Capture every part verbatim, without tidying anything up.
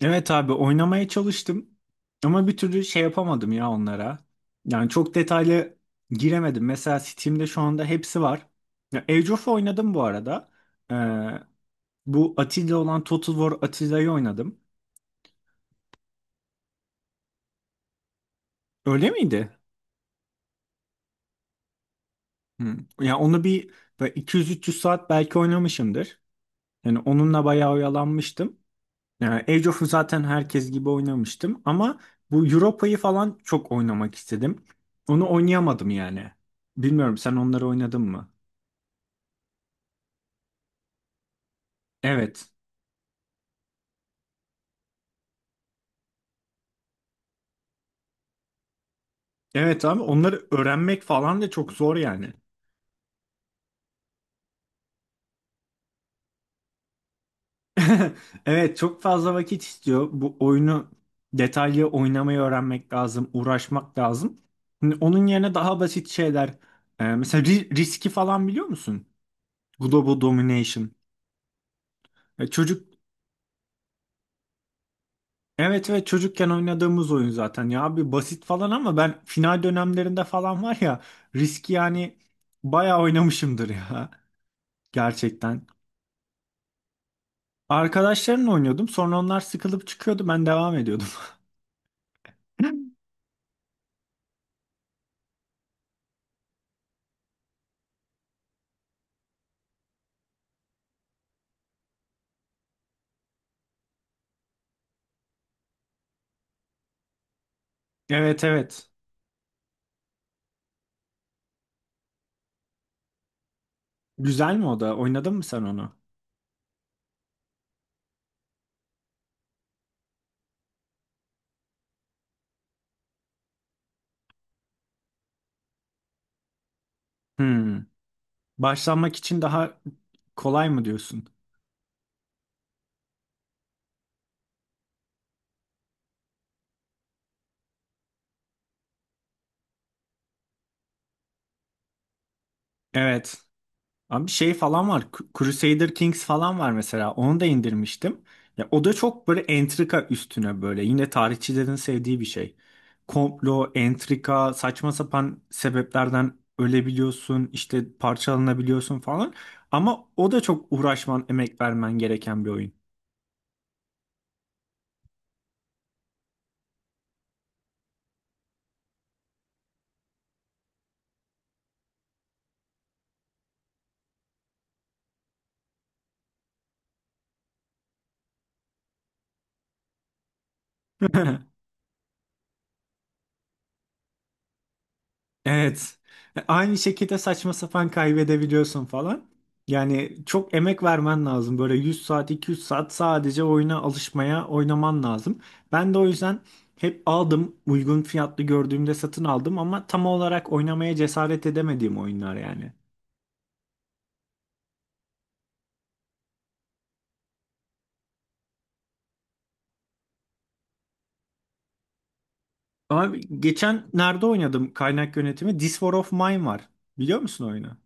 Evet abi, oynamaya çalıştım ama bir türlü şey yapamadım ya onlara. Yani çok detaylı giremedim. Mesela Steam'de şu anda hepsi var. Ya Age of oynadım bu arada. Ee, bu Atilla olan Total War Atilla'yı oynadım. Öyle miydi? Hı. Ya onu bir böyle iki yüz üç yüz saat belki oynamışımdır. Yani onunla bayağı oyalanmıştım. Yani Age of'u zaten herkes gibi oynamıştım ama bu Europa'yı falan çok oynamak istedim. Onu oynayamadım yani. Bilmiyorum, sen onları oynadın mı? Evet. Evet abi, onları öğrenmek falan da çok zor yani. Evet, çok fazla vakit istiyor. Bu oyunu detaylı oynamayı öğrenmek lazım, uğraşmak lazım. Şimdi onun yerine daha basit şeyler. e, Mesela ri- riski falan biliyor musun? Global Domination. E, Çocuk Evet, ve çocukken oynadığımız oyun zaten ya abi, basit falan ama ben final dönemlerinde falan var ya, riski yani bayağı oynamışımdır ya, gerçekten. Arkadaşlarımla oynuyordum, sonra onlar sıkılıp çıkıyordu, ben devam ediyordum. Evet, evet, güzel mi? O da oynadın mı sen onu? Hmm. Başlanmak için daha kolay mı diyorsun? Evet. Abi şey falan var. C- Crusader Kings falan var mesela. Onu da indirmiştim. Ya o da çok böyle entrika üstüne böyle. Yine tarihçilerin sevdiği bir şey. Komplo, entrika, saçma sapan sebeplerden ölebiliyorsun, işte parçalanabiliyorsun falan. Ama o da çok uğraşman, emek vermen gereken bir oyun. Evet. E, Aynı şekilde saçma sapan kaybedebiliyorsun falan. Yani çok emek vermen lazım. Böyle yüz saat, iki yüz saat sadece oyuna alışmaya, oynaman lazım. Ben de o yüzden hep aldım. Uygun fiyatlı gördüğümde satın aldım ama tam olarak oynamaya cesaret edemediğim oyunlar yani. Abi geçen nerede oynadım kaynak yönetimi? This War of Mine var. Biliyor musun oyunu?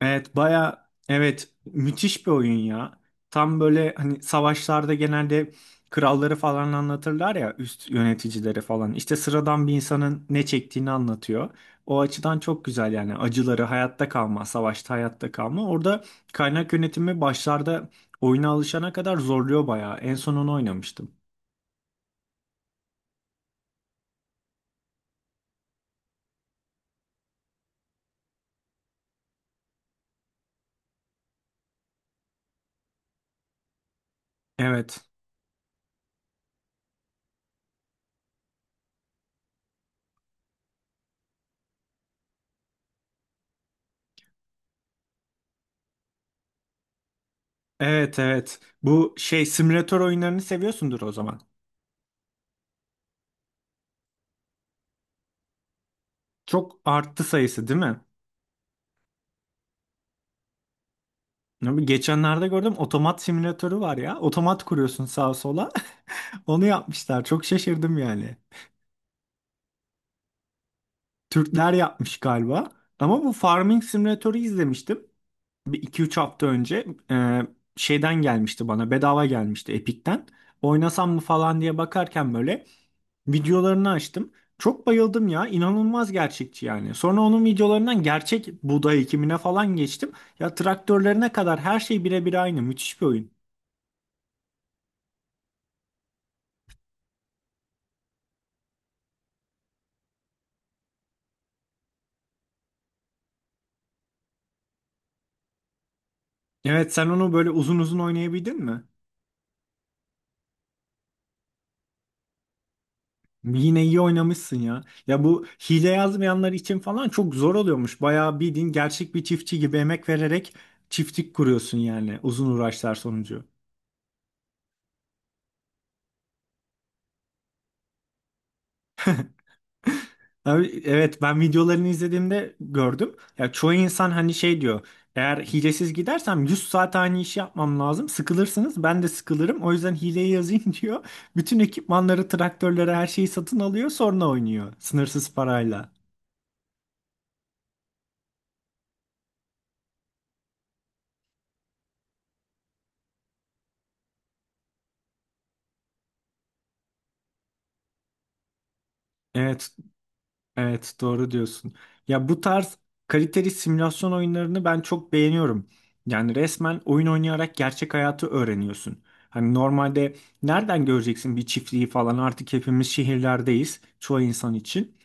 Evet, baya evet, müthiş bir oyun ya. Tam böyle hani savaşlarda genelde kralları falan anlatırlar ya, üst yöneticileri falan. İşte sıradan bir insanın ne çektiğini anlatıyor. O açıdan çok güzel yani, acıları, hayatta kalma, savaşta hayatta kalma. Orada kaynak yönetimi başlarda oyuna alışana kadar zorluyor baya. En son onu oynamıştım. Evet. Evet, evet. Bu şey simülatör oyunlarını seviyorsundur o zaman. Çok arttı sayısı değil mi? Abi geçenlerde gördüm, otomat simülatörü var ya. Otomat kuruyorsun sağa sola. Onu yapmışlar. Çok şaşırdım yani. Türkler yapmış galiba. Ama bu farming simülatörü izlemiştim. Bir iki üç hafta önce e, şeyden gelmişti bana. Bedava gelmişti Epic'ten. Oynasam mı falan diye bakarken böyle videolarını açtım. Çok bayıldım ya. İnanılmaz gerçekçi yani. Sonra onun videolarından gerçek buğday ekimine falan geçtim. Ya traktörlerine kadar her şey birebir aynı. Müthiş bir oyun. Evet, sen onu böyle uzun uzun oynayabildin mi? Yine iyi oynamışsın ya. Ya bu hile yazmayanlar için falan çok zor oluyormuş. Bayağı bildiğin gerçek bir çiftçi gibi emek vererek çiftlik kuruyorsun yani, uzun uğraşlar sonucu. Abi, evet, ben videolarını izlediğimde gördüm. Ya çoğu insan hani şey diyor. Eğer hilesiz gidersem yüz saat aynı işi yapmam lazım. Sıkılırsınız, ben de sıkılırım. O yüzden hileyi yazayım, diyor. Bütün ekipmanları, traktörleri, her şeyi satın alıyor, sonra oynuyor. Sınırsız parayla. Evet. Evet, doğru diyorsun. Ya bu tarz kaliteli simülasyon oyunlarını ben çok beğeniyorum. Yani resmen oyun oynayarak gerçek hayatı öğreniyorsun. Hani normalde nereden göreceksin bir çiftliği falan, artık hepimiz şehirlerdeyiz çoğu insan için.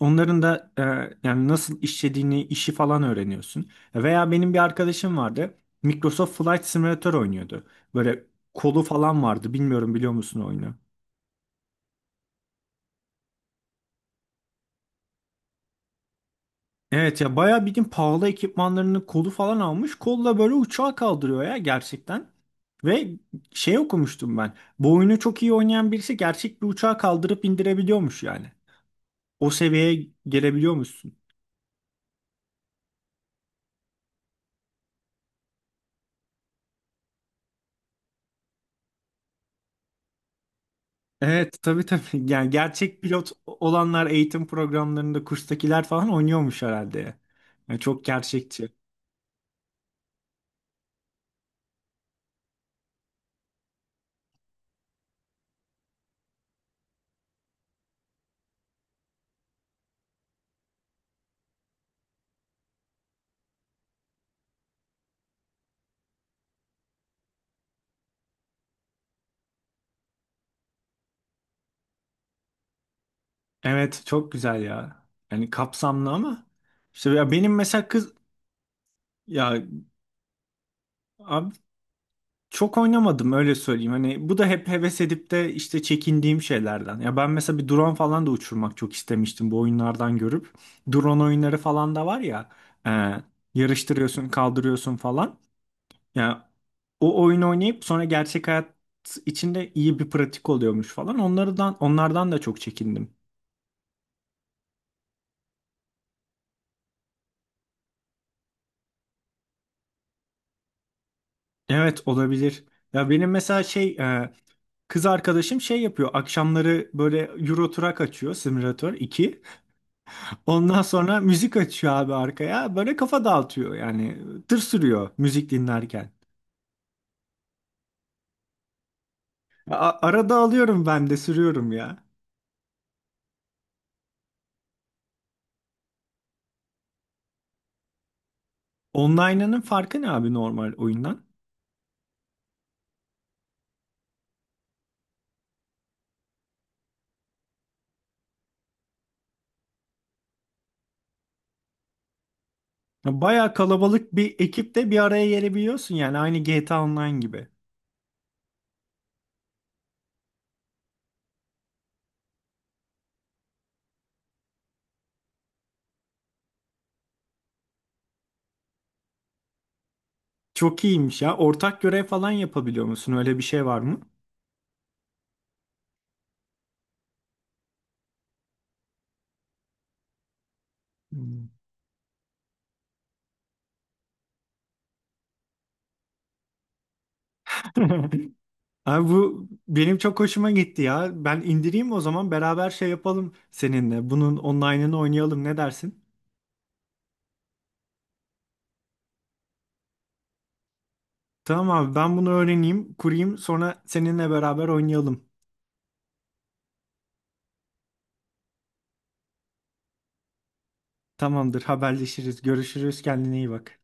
Onların da e, yani nasıl işlediğini, işi falan öğreniyorsun. Veya benim bir arkadaşım vardı. Microsoft Flight Simulator oynuyordu. Böyle kolu falan vardı. Bilmiyorum, biliyor musun oyunu? Evet, ya bayağı bildiğin pahalı ekipmanlarını, kolu falan almış. Kolla böyle uçağı kaldırıyor ya, gerçekten. Ve şey, okumuştum ben. Bu oyunu çok iyi oynayan birisi gerçek bir uçağı kaldırıp indirebiliyormuş yani. O seviyeye gelebiliyormuşsun. Evet, tabii tabii. Yani gerçek pilot olanlar eğitim programlarında, kurstakiler falan oynuyormuş herhalde. Yani çok gerçekçi. Evet, çok güzel ya. Yani kapsamlı ama. İşte ya benim mesela kız... Ya abi, çok oynamadım, öyle söyleyeyim. Hani bu da hep heves edip de işte çekindiğim şeylerden. Ya ben mesela bir drone falan da uçurmak çok istemiştim bu oyunlardan görüp. Drone oyunları falan da var ya. e, Yarıştırıyorsun, kaldırıyorsun falan. Ya o oyun oynayıp sonra gerçek hayat içinde iyi bir pratik oluyormuş falan. Onlardan onlardan da çok çekindim. Evet, olabilir. Ya benim mesela şey, e, kız arkadaşım şey yapıyor. Akşamları böyle Euro Truck açıyor, Simulator iki. Ondan sonra müzik açıyor abi arkaya. Böyle kafa dağıtıyor yani. Tır sürüyor müzik dinlerken. A- arada alıyorum ben de sürüyorum ya. Online'ının farkı ne abi normal oyundan? Ya bayağı kalabalık bir ekipte bir araya gelebiliyorsun, yani aynı G T A Online gibi. Çok iyiymiş ya. Ortak görev falan yapabiliyor musun? Öyle bir şey var mı? Hmm. Abi bu benim çok hoşuma gitti ya. Ben indireyim o zaman, beraber şey yapalım seninle. Bunun online'ını oynayalım, ne dersin? Tamam abi, ben bunu öğreneyim, kurayım, sonra seninle beraber oynayalım. Tamamdır, haberleşiriz, görüşürüz, kendine iyi bak.